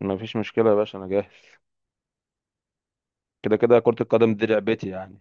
ما فيش مشكلة يا باشا، أنا جاهز. كده كده كرة القدم دي لعبتي يعني.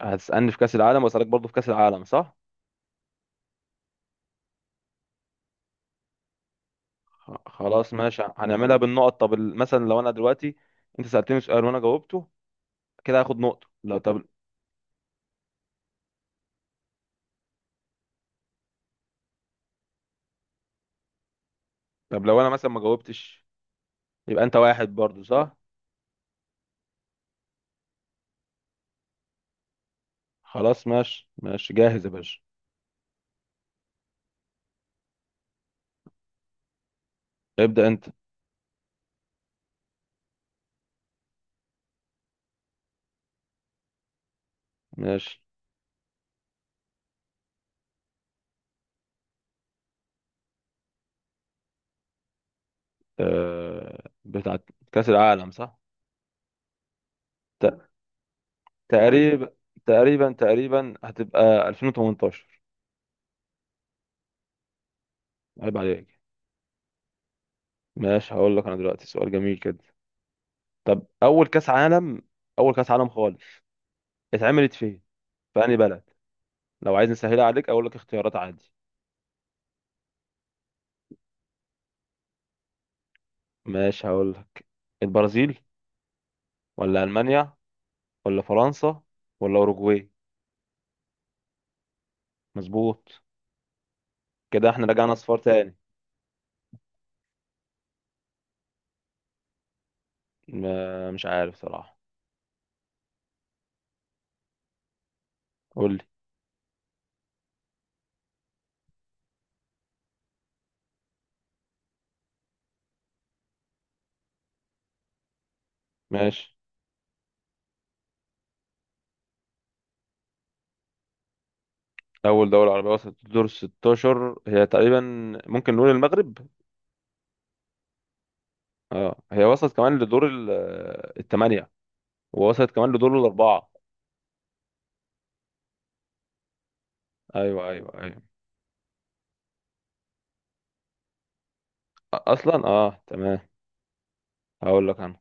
هتسألني في كأس العالم وأسألك برضه في كأس العالم صح؟ خلاص ماشي، هنعملها بالنقط. طب مثلا لو أنا دلوقتي أنت سألتني سؤال وأنا جاوبته، كده هاخد نقطة. لو طب طب لو أنا مثلا ما جاوبتش يبقى أنت واحد برضه صح؟ خلاص ماشي ماشي، جاهز يا باشا. ابدأ أنت. ماشي. بتاعت كأس العالم صح؟ ت... تقريبا تقريبا تقريبا هتبقى 2018. عيب عليك. ماشي، هقول لك أنا دلوقتي سؤال جميل كده. طب اول كاس عالم، اول كاس عالم خالص اتعملت فين؟ في انهي بلد؟ لو عايز نسهلها عليك اقول لك اختيارات عادي. ماشي هقول لك. البرازيل، ولا المانيا، ولا فرنسا، ولا اوروجواي؟ مظبوط. كده احنا رجعنا اصفار تاني. مش عارف صراحة. قول لي. ماشي. اول دولة عربية وصلت لدور 16 هي تقريبا ممكن نقول المغرب. اه، هي وصلت كمان لدور الثمانية، ووصلت كمان لدور الاربعة. ايوه ايوه ايوه. اصلا اه تمام. هقول لك انا.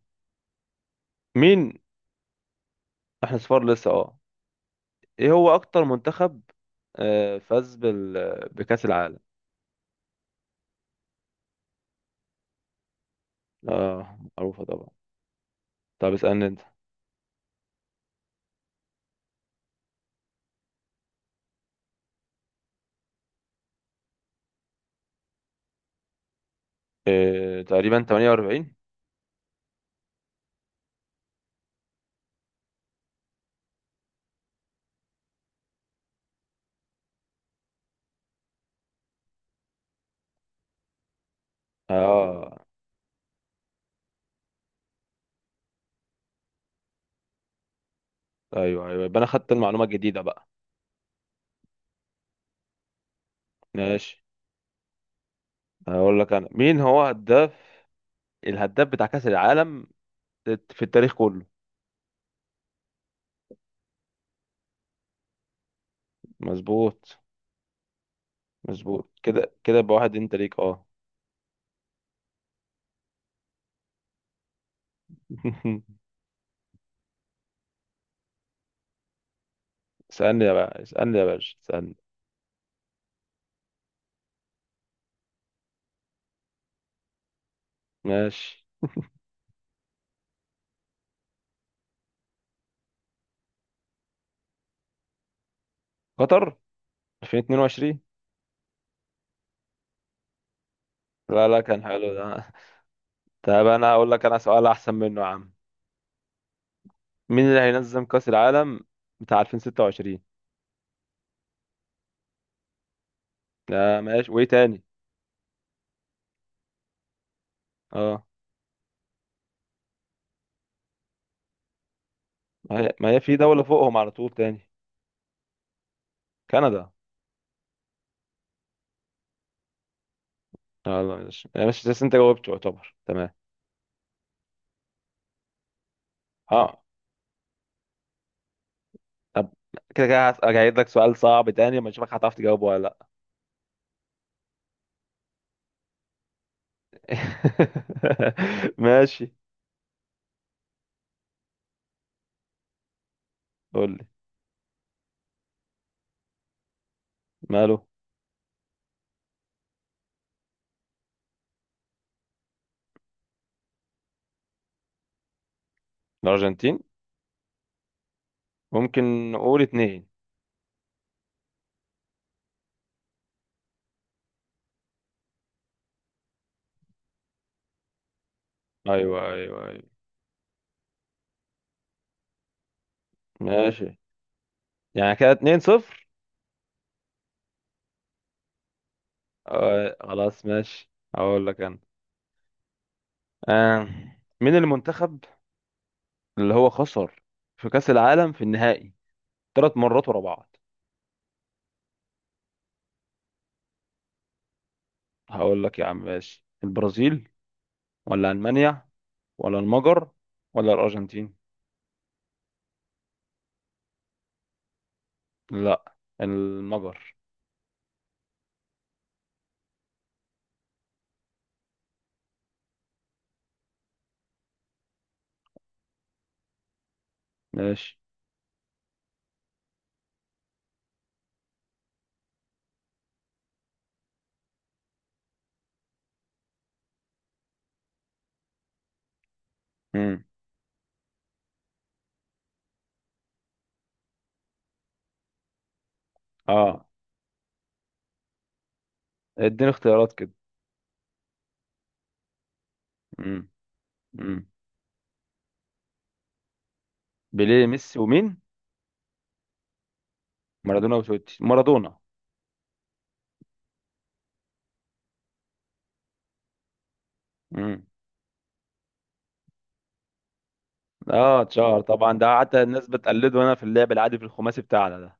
مين احنا؟ صفار لسه، اه. ايه هو اكتر منتخب فاز بكأس العالم؟ اه، معروفة طبعا. طب اسألني انت. تقريبا 48. اه، ايوه ايوه، يبقى انا خدت المعلومة الجديدة بقى. ماشي هقول لك انا، مين هو الهداف بتاع كأس العالم في التاريخ كله؟ مظبوط. مظبوط، كده كده يبقى واحد انت ليك، اه. اسألني يا باشا، اسألني يا باشا، اسألني. ماشي. قطر. 2022. لا لا، كان حلو ده. طب انا اقول لك انا سؤال احسن منه يا عم. مين اللي هينظم كأس العالم بتاع 2026؟ لا ماشي، وايه تاني؟ اه. ما هي في دولة فوقهم على طول تاني. كندا. يلا ماشي ماشي، بس انت جاوبت يعتبر تمام. اه. طب كده كده هجيب لك سؤال صعب تاني اما اشوفك هتعرف تجاوبه ولا لا. ماشي. قول لي. ماله؟ الارجنتين، ممكن نقول اتنين. ايوه ايوه ايوه. ماشي. يعني كده اتنين صفر. آه خلاص ماشي. هقول لك انا. آه مين المنتخب اللي هو خسر في كأس العالم في النهائي ثلاث مرات ورا بعض؟ هقول لك يا عم ماشي. البرازيل، ولا ألمانيا، ولا المجر، ولا الأرجنتين؟ لا، المجر. ماشي. امم. اه، اديني اختيارات كده. امم. امم. بيليه، ميسي، ومين؟ مارادونا وتوتي. مارادونا. امم، اه اتشهر طبعا ده، حتى الناس بتقلده هنا في اللعب العادي في الخماسي بتاعنا ده.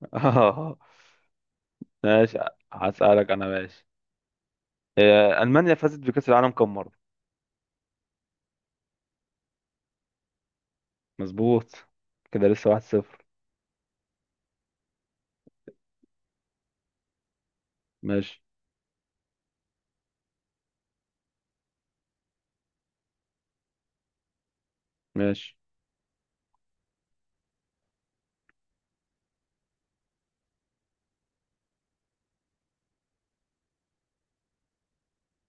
اه ماشي. هسألك انا، ماشي. ألمانيا فازت بكأس العالم كم مرة؟ مظبوط. كده لسه واحد صفر. ماشي. ماشي.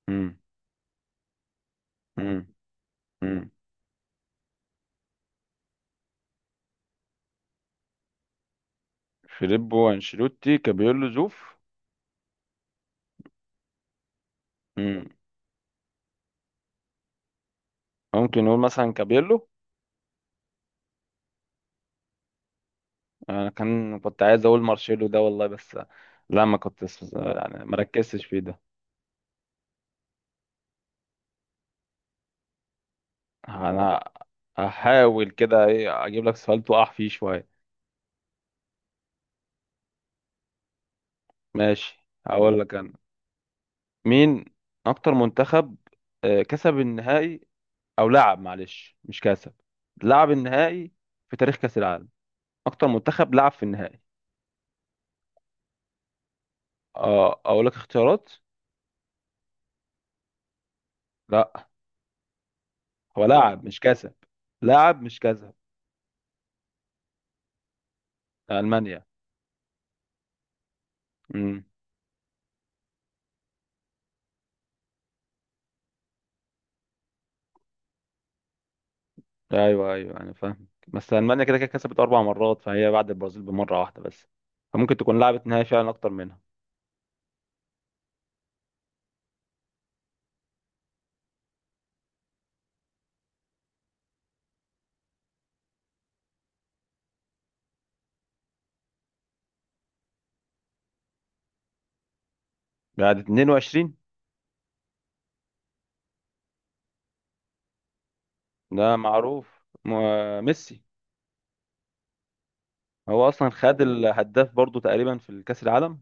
مم. مم. مم. فيليبو، انشيلوتي، كابيلو، زوف. مم. ممكن نقول مثلا كابيلو. انا كنت عايز اقول مارشيلو ده والله، بس. لا، ما كنت. يعني ما ركزتش فيه ده. انا هحاول كده ايه اجيب لك سؤال تقع فيه شويه. ماشي، هقول لك انا. مين اكتر منتخب كسب النهائي، او لعب، معلش مش كسب، لعب النهائي في تاريخ كاس العالم؟ اكتر منتخب لعب في النهائي. اه، اقول لك اختيارات. لا، هو قول لعب مش كسب. لعب مش كسب. المانيا. امم. ايوه ايوه انا فاهم، بس المانيا كده كده كسبت اربع مرات، فهي بعد البرازيل بمره واحده بس، فممكن تكون لعبت نهائي فعلا اكتر منها. بعد 22 ده معروف، ميسي. هو اصلا خد الهداف برضو تقريبا في الكاس العالم.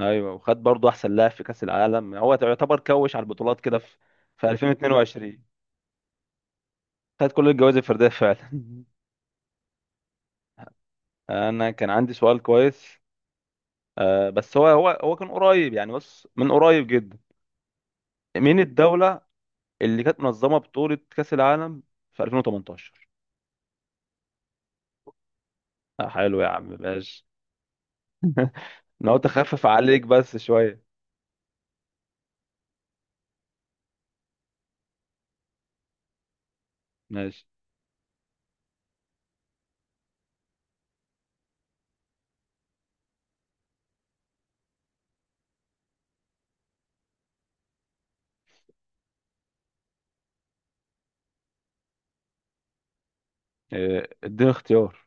ايوه، وخد برضه احسن لاعب في كاس العالم. هو يعتبر كوش على البطولات كده، في 2022 خد كل الجوائز الفرديه فعلا. انا كان عندي سؤال كويس. بس هو كان قريب، يعني بص من قريب جدا. مين الدوله اللي كانت منظمه بطوله كاس العالم في 2018؟ آه حلو يا عم، ماشي. انا قلت اخفف عليك بس شويه. ماشي. اديني اختيار.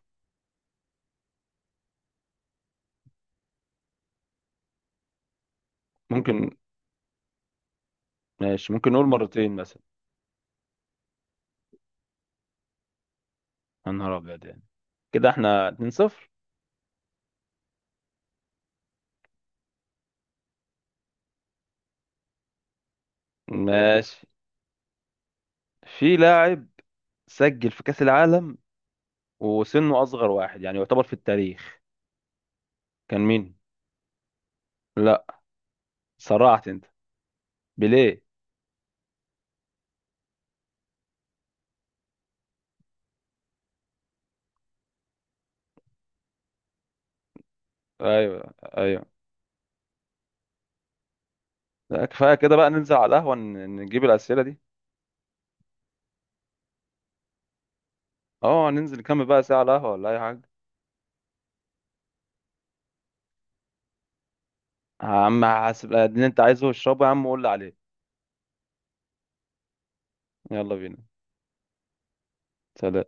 ممكن. ماشي، ممكن نقول مرتين مثلا. يا نهار ابيض، يعني كده احنا 2-0. ماشي. في لاعب سجل في كأس العالم وسنه أصغر واحد يعني يعتبر في التاريخ، كان مين؟ لا، سرعت أنت. بيليه. أيوه أيوه. لا كفاية كده بقى، ننزل على القهوة نجيب الأسئلة دي. أه، ننزل نكمل بقى ساعة على القهوة ولا أي حاجة. يا عم حاسب اللي أنت عايزه اشربه يا عم، وقول لي عليه. يلا بينا. سلام.